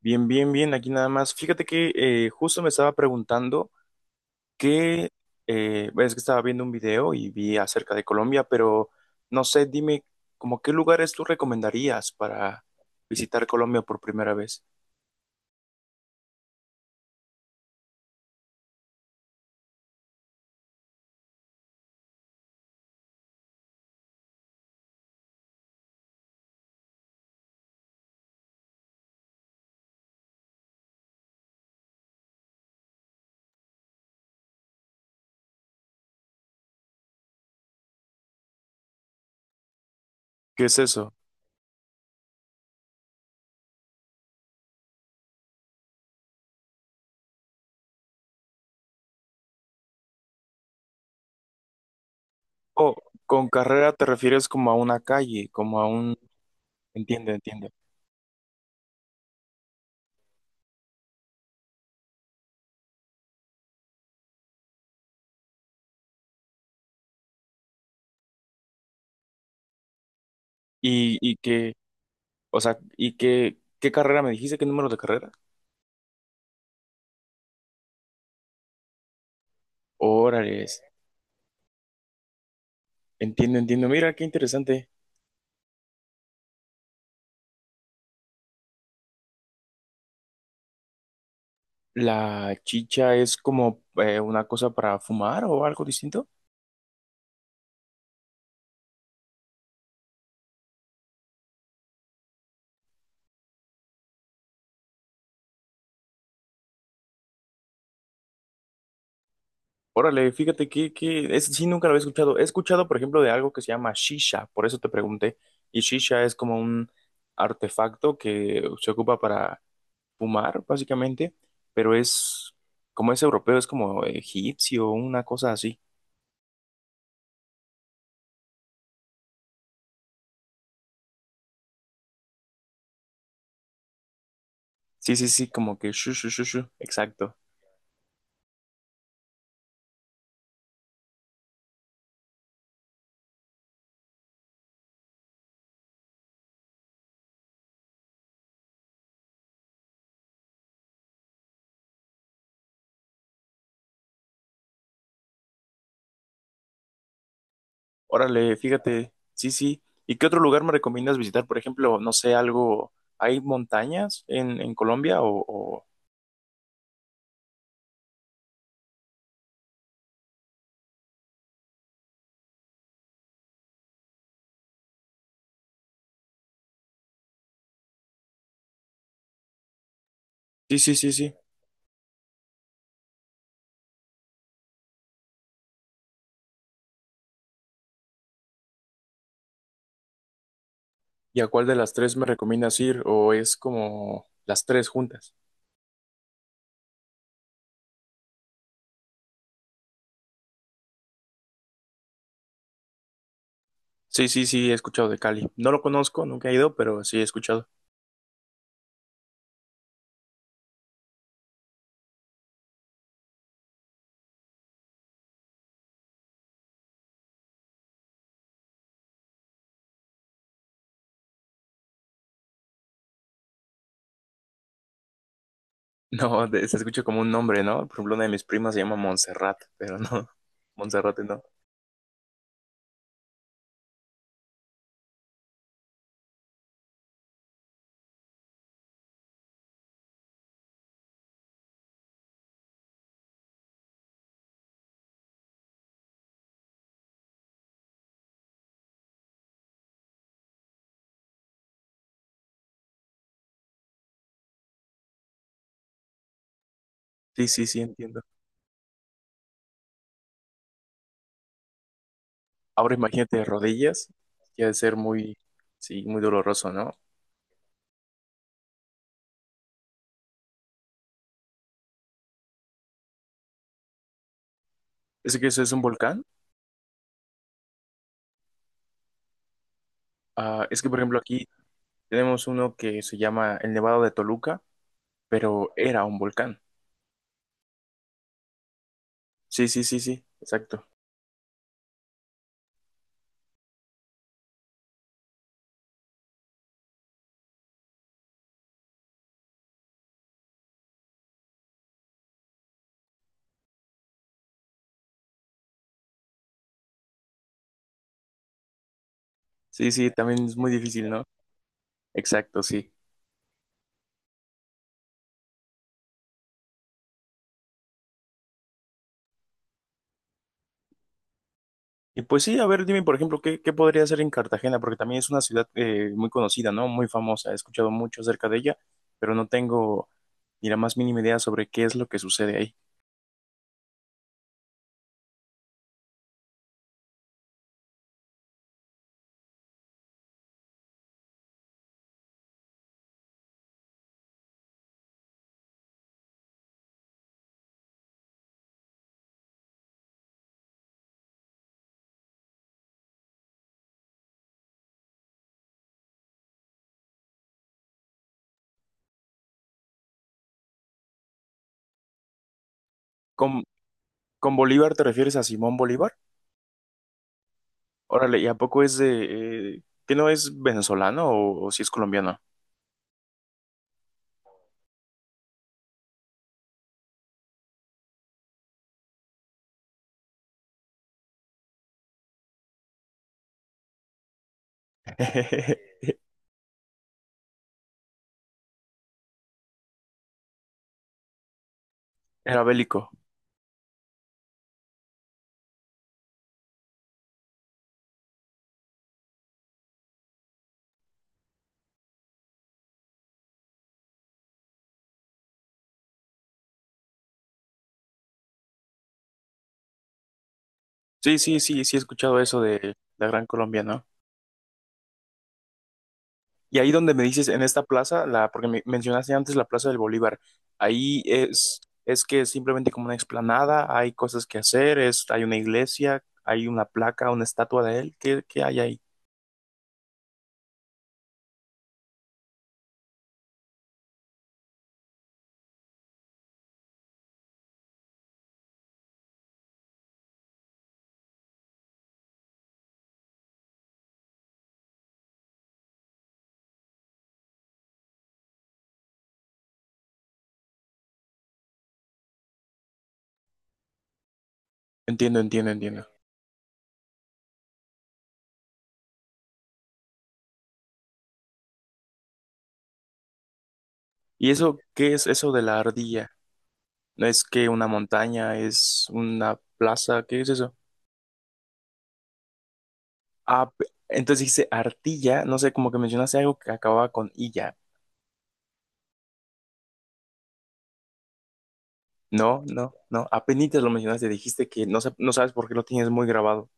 Bien, bien, bien, aquí nada más. Fíjate que justo me estaba preguntando que, bueno, es que estaba viendo un video y vi acerca de Colombia, pero no sé, dime, como qué lugares tú recomendarías para visitar Colombia por primera vez. ¿Qué es eso? Oh, con carrera te refieres como a una calle, como a un... Entiendo, entiendo. Y que, o sea, y qué, ¿qué carrera me dijiste? ¿Qué número de carrera? Órale, entiendo, entiendo. Mira, qué interesante. La chicha es como una cosa para fumar o algo distinto. Órale, fíjate que es, sí, nunca lo había escuchado. He escuchado, por ejemplo, de algo que se llama shisha, por eso te pregunté. Y shisha es como un artefacto que se ocupa para fumar, básicamente, pero es, como es europeo, es como egipcio, una cosa así. Sí, sí, sí, como que shu, shu, shu, shu, exacto. Órale, fíjate, sí, sí. ¿Y qué otro lugar me recomiendas visitar? Por ejemplo, no sé, algo, ¿hay montañas en Colombia? O- Sí, sí, sí, sí. ¿Y a cuál de las tres me recomiendas ir? ¿O es como las tres juntas? Sí, sí, sí, he escuchado de Cali. No lo conozco, nunca he ido, pero sí he escuchado. No, de- se escucha como un nombre, ¿no? Por ejemplo, una de mis primas se llama Montserrat, pero no, Montserrat no. Sí, sí, sí, entiendo. Ahora imagínate rodillas, que ha de ser muy, sí, muy doloroso, ¿no? ¿Es que ese es un volcán? Ah, es que, por ejemplo, aquí tenemos uno que se llama el Nevado de Toluca, pero era un volcán. Sí, sí, sí, sí, exacto. Sí, sí, también es muy difícil, ¿no? Exacto, sí. Y pues sí, a ver, dime, por ejemplo, ¿qué, qué podría hacer en Cartagena? Porque también es una ciudad muy conocida, ¿no? Muy famosa. He escuchado mucho acerca de ella, pero no tengo ni la más mínima idea sobre qué es lo que sucede ahí. ¿Con, con Bolívar te refieres a Simón Bolívar? Órale, ¿y a poco es de... que no es venezolano o si es colombiano? Era bélico. Sí, sí, sí, sí he escuchado eso de la Gran Colombia, ¿no? Y ahí donde me dices, en esta plaza, la, porque me mencionaste antes la Plaza del Bolívar, ahí es que es simplemente como una explanada, hay cosas que hacer, es, hay una iglesia, hay una placa, una estatua de él, ¿qué, qué hay ahí? Entiendo, entiendo, entiendo. ¿Y eso, qué es eso de la ardilla? ¿No es que una montaña, es una plaza? ¿Qué es eso? Ah, pe- entonces dice ardilla, no sé, como que mencionaste algo que acababa con illa. No, no, no. Apenitas lo mencionaste, dijiste que no, sa- no sabes por qué lo tienes muy grabado.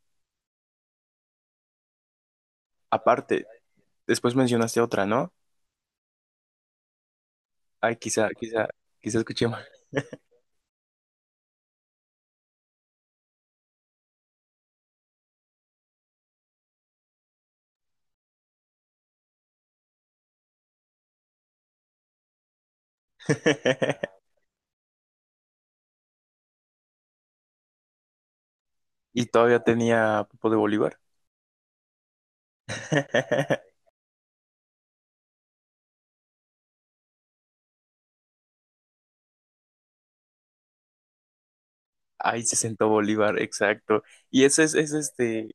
Aparte, después mencionaste otra, ¿no? Ay, quizá, quizá, quizá escuché mal. Y todavía tenía Popo de Bolívar. Ay, se sentó Bolívar, exacto. Y ese es este,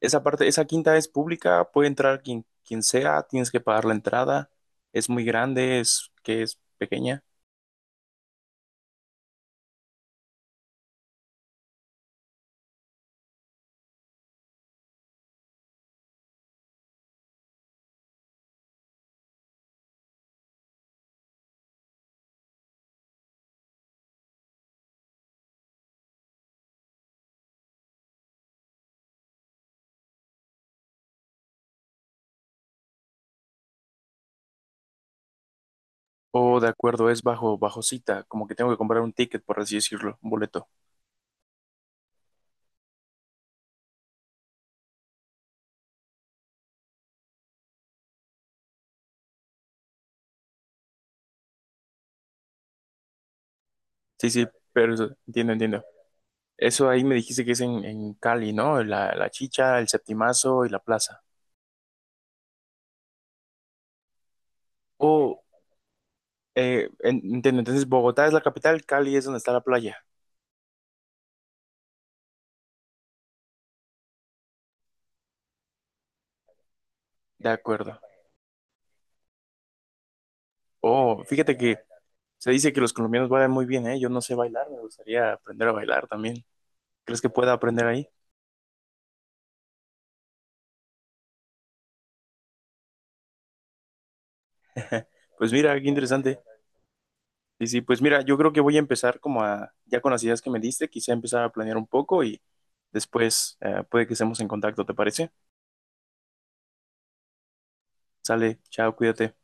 esa parte, esa quinta es pública, puede entrar quien, quien sea, tienes que pagar la entrada. Es muy grande, es que es pequeña. O de acuerdo, es bajo, bajo cita, como que tengo que comprar un ticket, por así decirlo, un boleto. Sí, sí, pero eso, entiendo, entiendo. Eso ahí me dijiste que es en Cali, ¿no? La, la Chicha, el Septimazo y la plaza. Oh, en- entiendo. Entonces, Bogotá es la capital, Cali es donde está la playa. De acuerdo. Oh, fíjate que se dice que los colombianos bailan muy bien, ¿eh? Yo no sé bailar, me gustaría aprender a bailar también. ¿Crees que pueda aprender ahí? Pues mira, qué interesante. Sí, sí, pues mira, yo creo que voy a empezar como a, ya con las ideas que me diste, quizá empezar a planear un poco y después puede que estemos en contacto, ¿te parece? Sale, chao, cuídate.